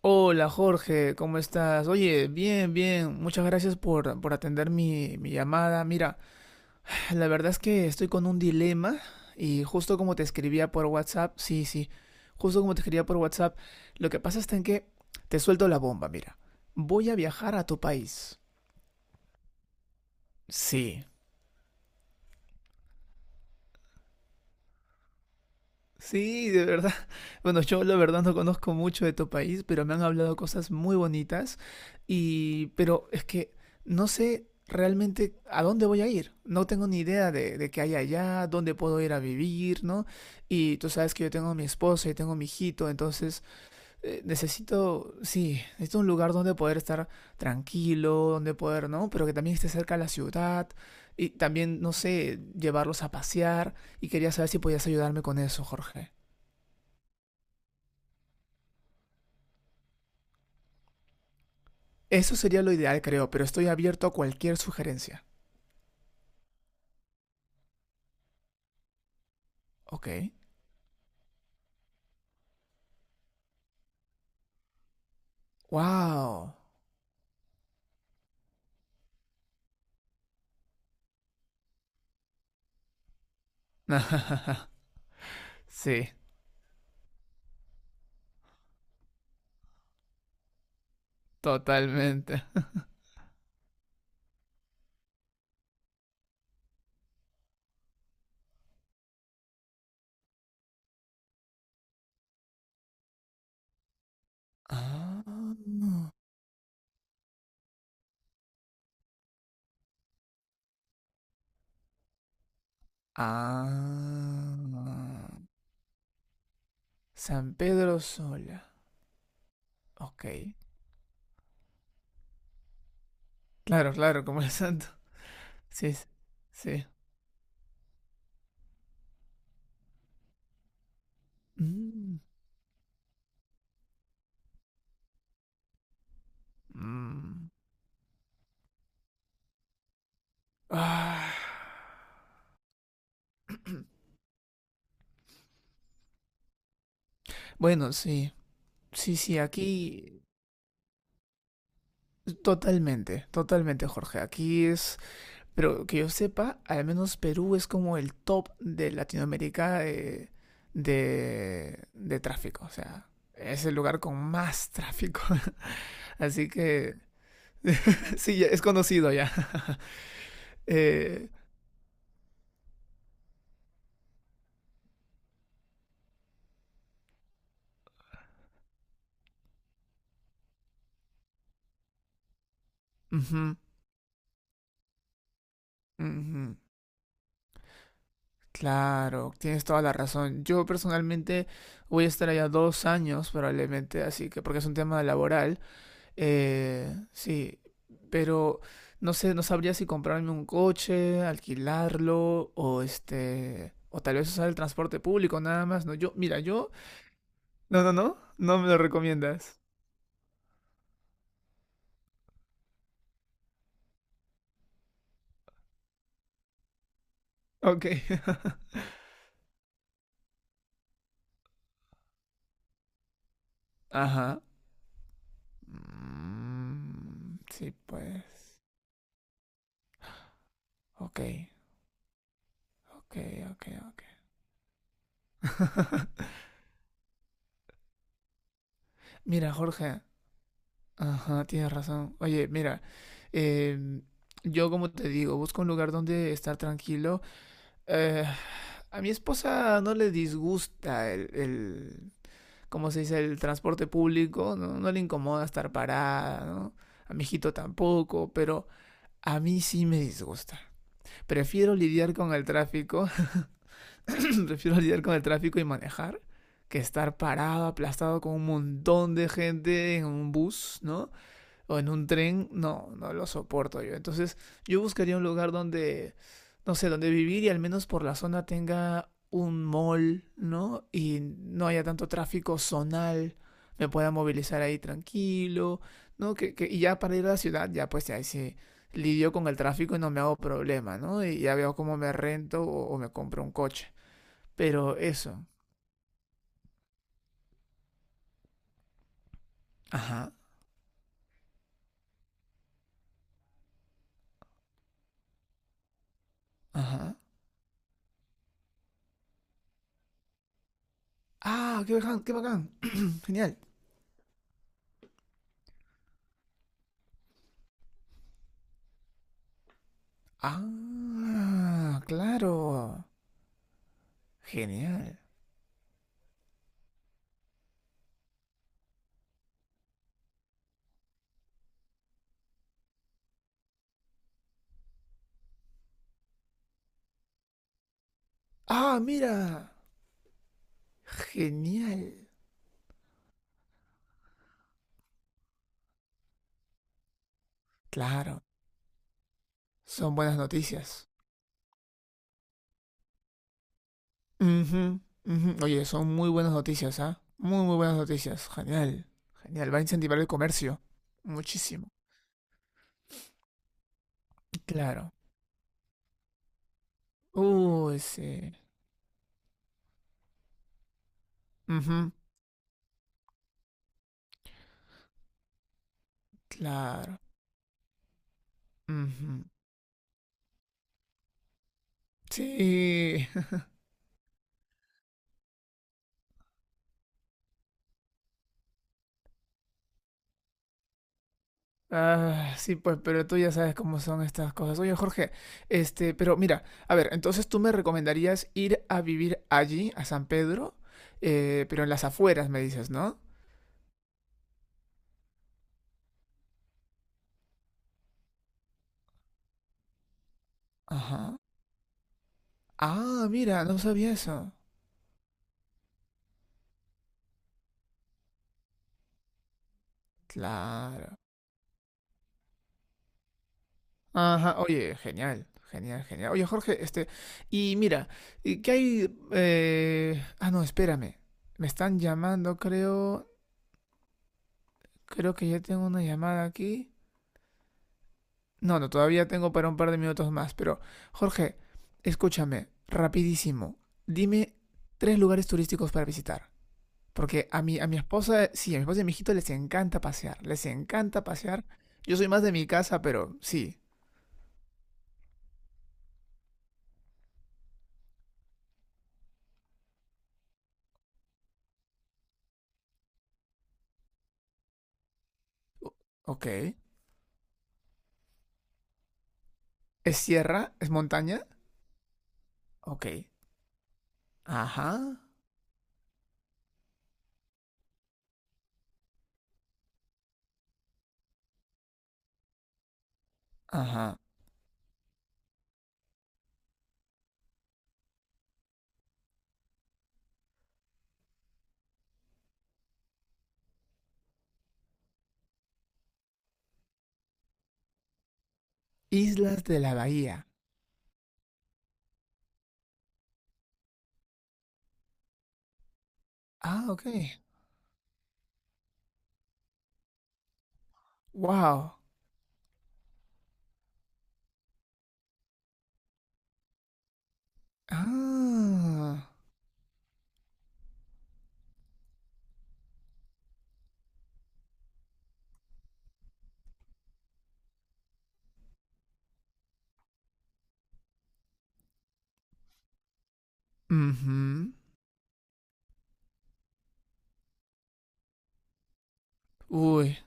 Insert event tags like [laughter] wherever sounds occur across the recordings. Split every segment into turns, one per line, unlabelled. Hola Jorge, ¿cómo estás? Oye, bien, bien, muchas gracias por atender mi llamada. Mira, [sighs] la verdad es que estoy con un dilema y justo como te escribía por WhatsApp, sí, sí, justo como te escribía por WhatsApp, lo que pasa está en que te suelto la bomba, mira, voy a viajar a tu país. Sí, sí, de verdad. [laughs] Bueno, yo la verdad no conozco mucho de tu país, pero me han hablado cosas muy bonitas y pero es que no sé realmente a dónde voy a ir. No tengo ni idea de qué hay allá, dónde puedo ir a vivir, ¿no? Y tú sabes que yo tengo a mi esposo y tengo a mi hijito, entonces necesito, sí, necesito un lugar donde poder estar tranquilo, donde poder, ¿no? Pero que también esté cerca de la ciudad y también, no sé, llevarlos a pasear y quería saber si podías ayudarme con eso, Jorge. Eso sería lo ideal, creo, pero estoy abierto a cualquier sugerencia. Ok. Wow. [laughs] Sí, totalmente. Ah. No. Ah. San Pedro Sola. Ok. Claro, claro, como el santo. Sí, sí, sí. Mm. Mm. Ah. [clears throat] Bueno, sí. Sí, sí, aquí totalmente, totalmente, Jorge. Aquí es Pero que yo sepa, al menos Perú es como el top de Latinoamérica de tráfico. O sea, es el lugar con más tráfico. [laughs] Así que [laughs] sí, es conocido ya. [laughs] Eh, ujú, ujú. Claro, tienes toda la razón. Yo personalmente voy a estar allá 2 años probablemente, así que porque es un tema laboral. Sí, pero no sé, no sabría si comprarme un coche, alquilarlo o o tal vez usar el transporte público nada más. No, yo, mira, yo, no, no, no, no me lo recomiendas. Ok. [laughs] Ajá. Mm, sí, pues. Ok, ok, ok, ok. [laughs] Mira, Jorge. Ajá, tienes razón. Oye, mira, em, yo como te digo, busco un lugar donde estar tranquilo. Eh, A mi esposa no le disgusta el ¿cómo se dice? El transporte público, ¿no? No le incomoda estar parada, ¿no? A mi hijito tampoco, pero a mí sí me disgusta. Prefiero lidiar con el tráfico, [coughs] prefiero lidiar con el tráfico y manejar que estar parado, aplastado con un montón de gente en un bus, ¿no? O en un tren, no, no lo soporto yo. Entonces yo buscaría un lugar donde, no sé, donde vivir y al menos por la zona tenga un mall, ¿no? Y no haya tanto tráfico zonal, me pueda movilizar ahí tranquilo, ¿no? Y ya para ir a la ciudad, ya pues ahí sí lidio con el tráfico y no me hago problema, ¿no? Y ya veo cómo me rento o me compro un coche. Pero eso. Ajá, ajá. Ah, qué bacán, qué bacán. [clears throat] Genial. Ah, claro. Genial. Ah, mira. Genial. Claro. Son buenas noticias. Ujú, ujú. Oye, son muy buenas noticias, ¿ah? Muy, muy buenas noticias. Genial. Genial. Va a incentivar el comercio. Muchísimo. Claro. Uy, sí. Ujú, claro. Ujú. Sí. Ah, sí, pues, pero tú ya sabes cómo son estas cosas. Oye, Jorge, pero mira, a ver, entonces tú me recomendarías ir a vivir allí, a San Pedro, pero en las afueras, me dices, ¿no? Ajá. Ah, mira, no sabía eso. Claro. Ajá, oye, genial, genial, genial. Oye, Jorge, y mira, ¿qué hay? Ah, no, espérame. Me están llamando, creo, que ya tengo una llamada aquí. No, no, todavía tengo para un par de minutos más, pero Jorge, escúchame, rapidísimo, dime tres lugares turísticos para visitar. Porque a mi esposa, sí, a mi esposa y a mi hijito les encanta pasear, les encanta pasear. Yo soy más de mi casa, pero sí. O- Ok. ¿Es sierra? ¿Es montaña? Ok. Ajá. Ajá. Islas de la Bahía. Ah, ok. Wow. Ah. Ujú. Uy,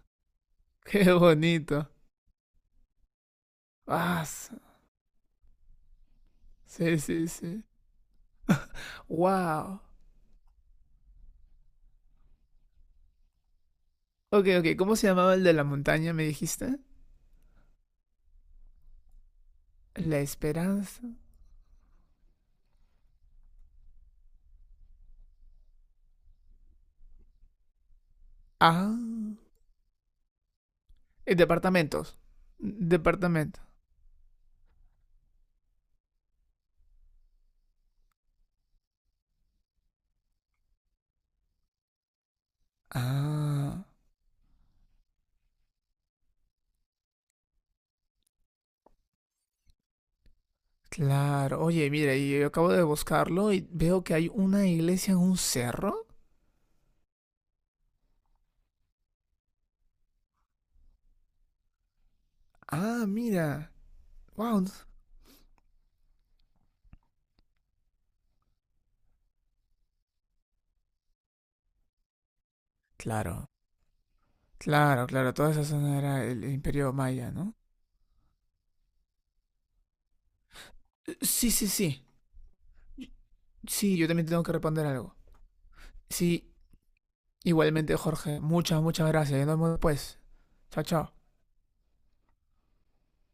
[laughs] qué bonito. Ah, sí, sí, sí. Wow. Ok, ok. ¿Cómo se llamaba el de la montaña, me dijiste? La Esperanza. Ah. Departamentos. Departamento. Ah, claro. Oye, mira, y yo acabo de buscarlo y veo que hay una iglesia en un cerro. Ah, mira. Wow. Claro. Claro, claro. Toda esa zona era el Imperio Maya, ¿no? Sí, sí, sí. Sí, yo también tengo que responder algo. Sí, igualmente, Jorge. Muchas, muchas gracias. Nos vemos después. Chao, chao.